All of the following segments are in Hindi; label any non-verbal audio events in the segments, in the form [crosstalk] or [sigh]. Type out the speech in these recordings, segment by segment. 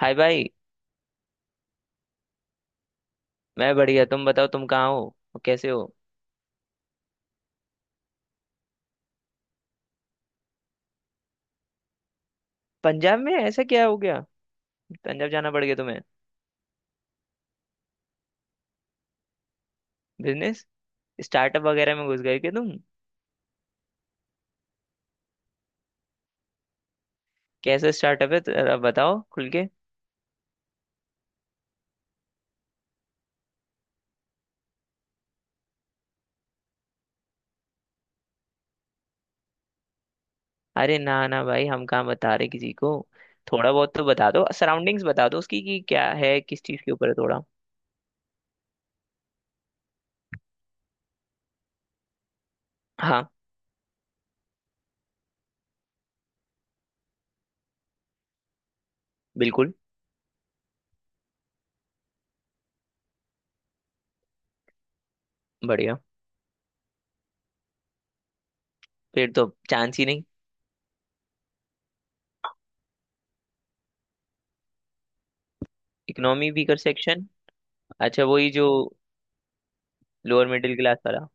हाय भाई। मैं बढ़िया, तुम बताओ तुम कहाँ हो और कैसे हो। पंजाब में ऐसा क्या हो गया? पंजाब जाना पड़ गया तुम्हें? बिजनेस? स्टार्टअप वगैरह में घुस गए क्या तुम? कैसा स्टार्टअप है जरा बताओ खुल के। अरे ना ना भाई, हम कहाँ बता रहे किसी को। थोड़ा बहुत तो बता दो, सराउंडिंग्स बता दो उसकी कि क्या है, किस चीज़ के ऊपर है थोड़ा। हाँ। बिल्कुल। बढ़िया। फिर तो चांस ही नहीं। Economy weaker section? अच्छा, वही जो लोअर मिडिल क्लास वाला।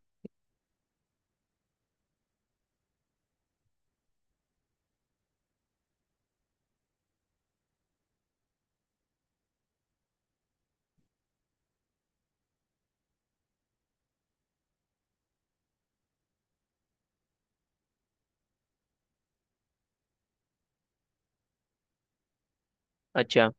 अच्छा।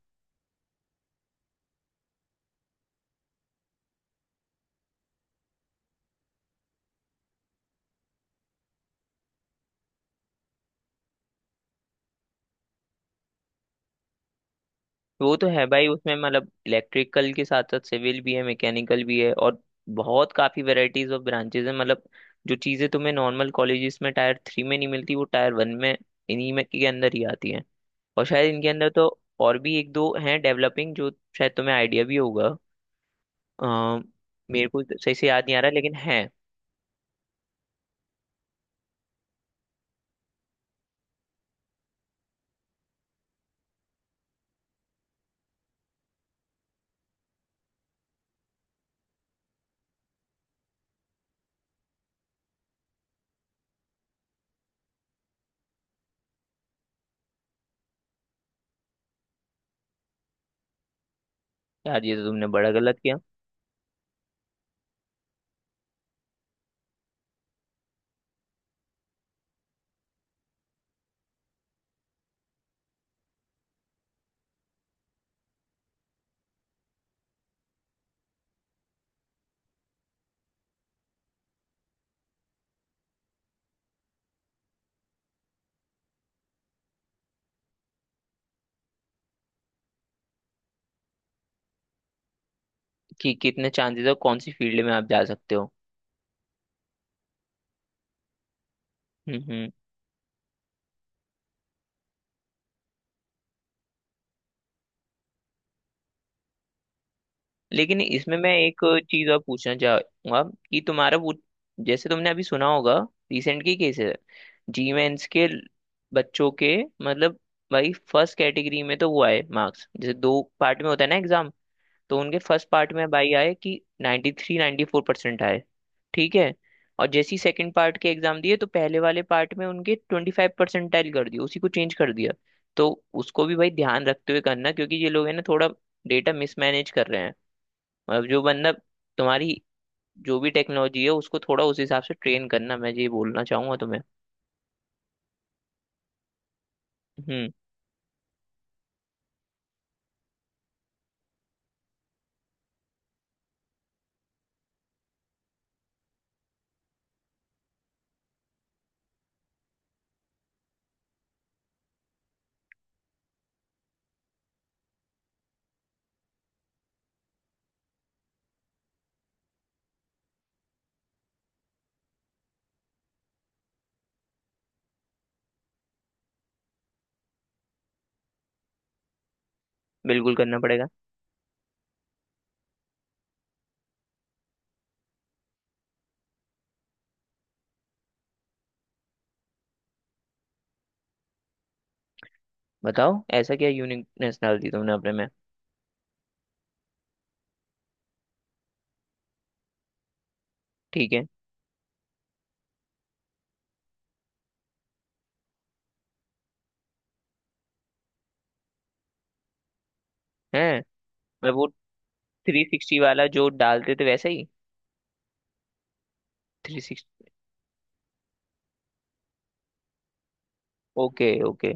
वो तो है भाई, उसमें मतलब इलेक्ट्रिकल के साथ साथ सिविल भी है, मैकेनिकल भी है, और बहुत काफी वैरायटीज ऑफ ब्रांचेज है मतलब। जो चीजें तुम्हें नॉर्मल कॉलेजेस में टायर थ्री में नहीं मिलती वो टायर वन में, इन्हीं में के अंदर ही आती है। और शायद इनके अंदर तो और भी एक दो हैं डेवलपिंग जो शायद तुम्हें आइडिया भी होगा। अ, मेरे को तो सही से याद नहीं आ रहा लेकिन है। यार ये तो तुमने बड़ा गलत किया। कि कितने चांसेस और कौन सी फील्ड में आप जा सकते हो। हम्म हम्म। लेकिन इसमें मैं एक चीज और पूछना चाहूंगा कि तुम्हारा वो, जैसे तुमने अभी सुना होगा, रिसेंट की केस है, जी मेंस के बच्चों के, मतलब भाई फर्स्ट कैटेगरी में तो वो आए मार्क्स, जैसे दो पार्ट में होता है ना एग्जाम, तो उनके फर्स्ट पार्ट में भाई आए कि 93 394% आए। ठीक है। और जैसे ही सेकंड पार्ट के एग्जाम दिए तो पहले वाले पार्ट में उनके 25 परसेंटाइल कर दिया, उसी को चेंज कर दिया। तो उसको भी भाई ध्यान रखते हुए करना, क्योंकि ये लोग है ना थोड़ा डेटा मिसमैनेज कर रहे हैं। मतलब जो बंदा तुम्हारी, जो भी टेक्नोलॉजी है उसको थोड़ा उस हिसाब से ट्रेन करना, मैं ये बोलना चाहूंगा तुम्हें। हम्म। बिल्कुल करना पड़ेगा। बताओ ऐसा क्या यूनिकनेस डाल दी तुमने अपने में? ठीक है। हैं? मैं वो 360 वाला जो डालते थे वैसा ही? Three sixty? Okay okay.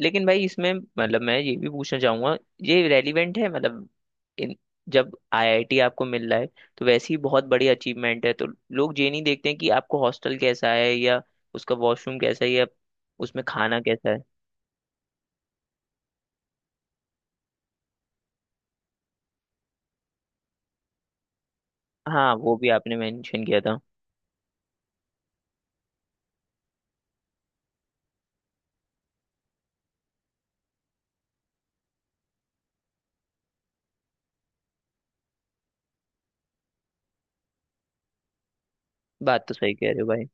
लेकिन भाई इसमें मतलब मैं ये भी पूछना चाहूंगा, ये रेलिवेंट है मतलब? इन, जब आईआईटी आपको मिल रहा है तो वैसे ही बहुत बड़ी अचीवमेंट है, तो लोग ये नहीं देखते हैं कि आपको हॉस्टल कैसा है, या उसका वॉशरूम कैसा है, या उसमें खाना कैसा है। हाँ, वो भी आपने मेंशन किया था। बात तो सही कह रहे हो भाई।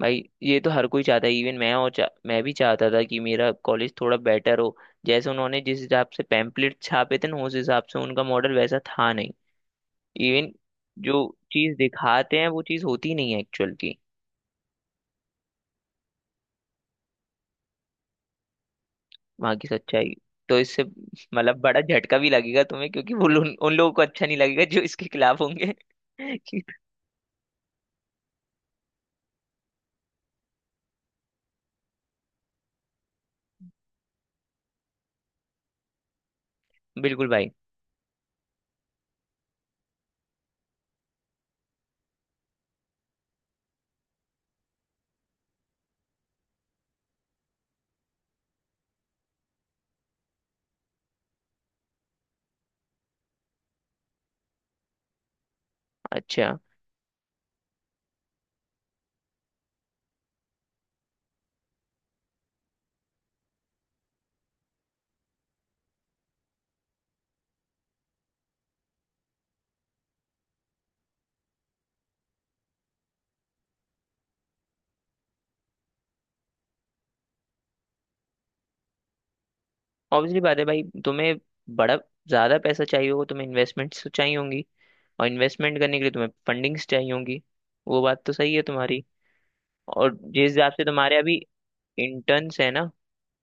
भाई ये तो हर कोई चाहता है, इवन मैं और मैं भी चाहता था कि मेरा कॉलेज थोड़ा बेटर हो। जैसे उन्होंने जिस हिसाब से पैम्पलेट छापे थे ना, उस हिसाब से उनका मॉडल वैसा था नहीं। इवन जो चीज दिखाते हैं वो चीज होती नहीं है एक्चुअल की। वहां की सच्चाई। तो इससे मतलब बड़ा झटका भी लगेगा तुम्हें, क्योंकि वो उन लोगों को अच्छा नहीं लगेगा जो इसके खिलाफ होंगे। [laughs] बिल्कुल भाई। अच्छा। ऑब्वियसली बात है भाई, तुम्हें बड़ा ज्यादा पैसा चाहिए होगा, तुम्हें इन्वेस्टमेंट्स तो चाहिए होंगी, और इन्वेस्टमेंट करने के लिए तुम्हें फंडिंग्स चाहिए होंगी। वो बात तो सही है तुम्हारी। और जिस हिसाब से तुम्हारे अभी इंटर्न्स है ना,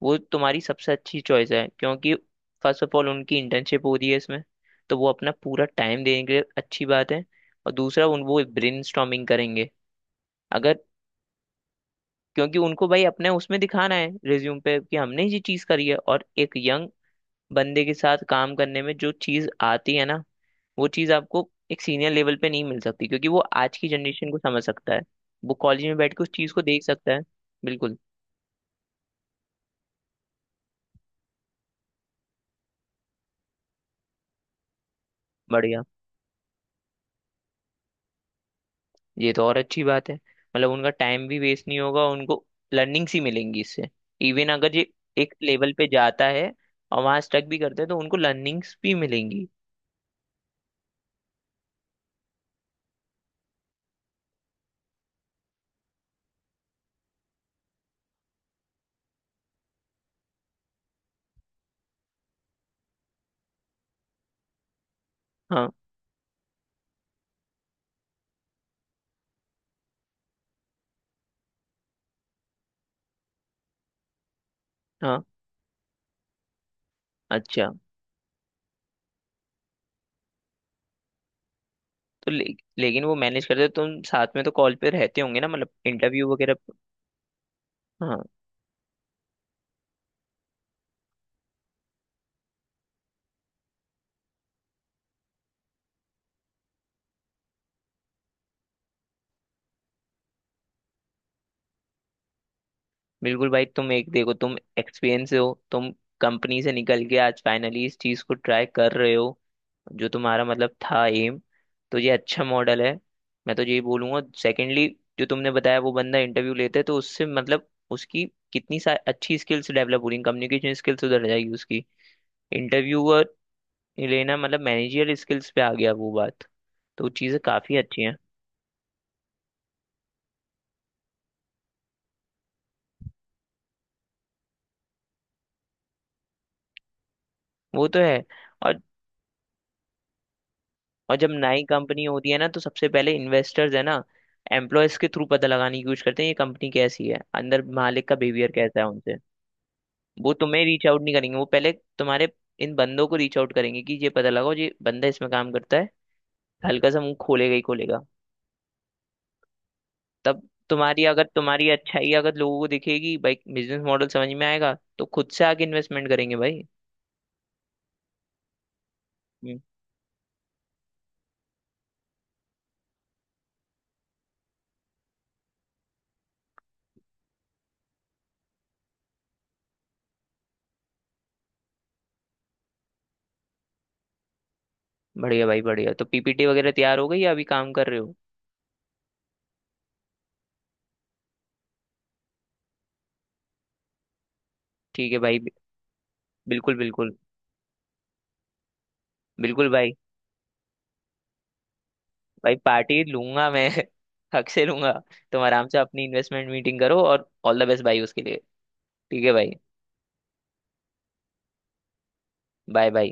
वो तुम्हारी सबसे अच्छी चॉइस है, क्योंकि फर्स्ट ऑफ ऑल उनकी इंटर्नशिप हो रही है इसमें, तो वो अपना पूरा टाइम देंगे, अच्छी बात है। और दूसरा उन, वो ब्रेनस्टॉर्मिंग करेंगे अगर, क्योंकि उनको भाई अपने उसमें दिखाना है रिज्यूम पे कि हमने ये चीज़ करी है। और एक यंग बंदे के साथ काम करने में जो चीज़ आती है ना, वो चीज़ आपको एक सीनियर लेवल पे नहीं मिल सकती, क्योंकि वो आज की जनरेशन को समझ सकता है, वो कॉलेज में बैठ के उस चीज़ को देख सकता है। बिल्कुल। बढ़िया। ये तो और अच्छी बात है, मतलब उनका टाइम भी वेस्ट नहीं होगा, उनको लर्निंग्स ही मिलेंगी इससे। इवन अगर ये एक लेवल पे जाता है और वहां स्टक भी करते हैं तो उनको लर्निंग्स भी मिलेंगी। हाँ हाँ। अच्छा। तो लेकिन वो मैनेज करते तुम साथ में तो कॉल पे रहते होंगे ना, मतलब इंटरव्यू वगैरह। हाँ। बिल्कुल भाई। तुम एक देखो, तुम एक्सपीरियंस हो, तुम कंपनी से निकल के आज फाइनली इस चीज को ट्राई कर रहे हो जो तुम्हारा मतलब था एम। तो ये अच्छा मॉडल है, मैं तो यही बोलूंगा। सेकेंडली, जो तुमने बताया वो बंदा इंटरव्यू लेते, तो उससे मतलब उसकी कितनी सा अच्छी स्किल्स डेवलप हो रही, कम्युनिकेशन स्किल्स उधर जाएगी उसकी, इंटरव्यूअर लेना मतलब मैनेजर स्किल्स पे आ गया वो बात। तो चीज़ें काफ़ी अच्छी हैं। वो तो है। और और जब नई कंपनी होती है ना तो सबसे पहले इन्वेस्टर्स है ना, एम्प्लॉयज के थ्रू पता लगाने की कोशिश करते हैं ये कंपनी कैसी है, अंदर मालिक का बिहेवियर कैसा है। वो तुम्हें रीच आउट नहीं करेंगे, वो पहले तुम्हारे इन बंदों को रीच आउट करेंगे कि ये पता लगाओ ये बंदा इसमें काम करता है। हल्का सा मुंह खोलेगा ही खोलेगा। तब तुम्हारी अगर तुम्हारी अच्छाई अगर लोगों को दिखेगी, भाई बिजनेस मॉडल समझ में आएगा, तो खुद से आके इन्वेस्टमेंट करेंगे भाई। हम्म, बढ़िया भाई बढ़िया। तो पीपीटी वगैरह तैयार हो गई या अभी काम कर रहे हो? ठीक है भाई। बिल्कुल बिल्कुल। बिल्कुल भाई। भाई पार्टी लूंगा मैं, [laughs] हक से लूंगा। तुम आराम से अपनी इन्वेस्टमेंट मीटिंग करो, और ऑल द बेस्ट भाई उसके लिए। ठीक है भाई। Bye bye.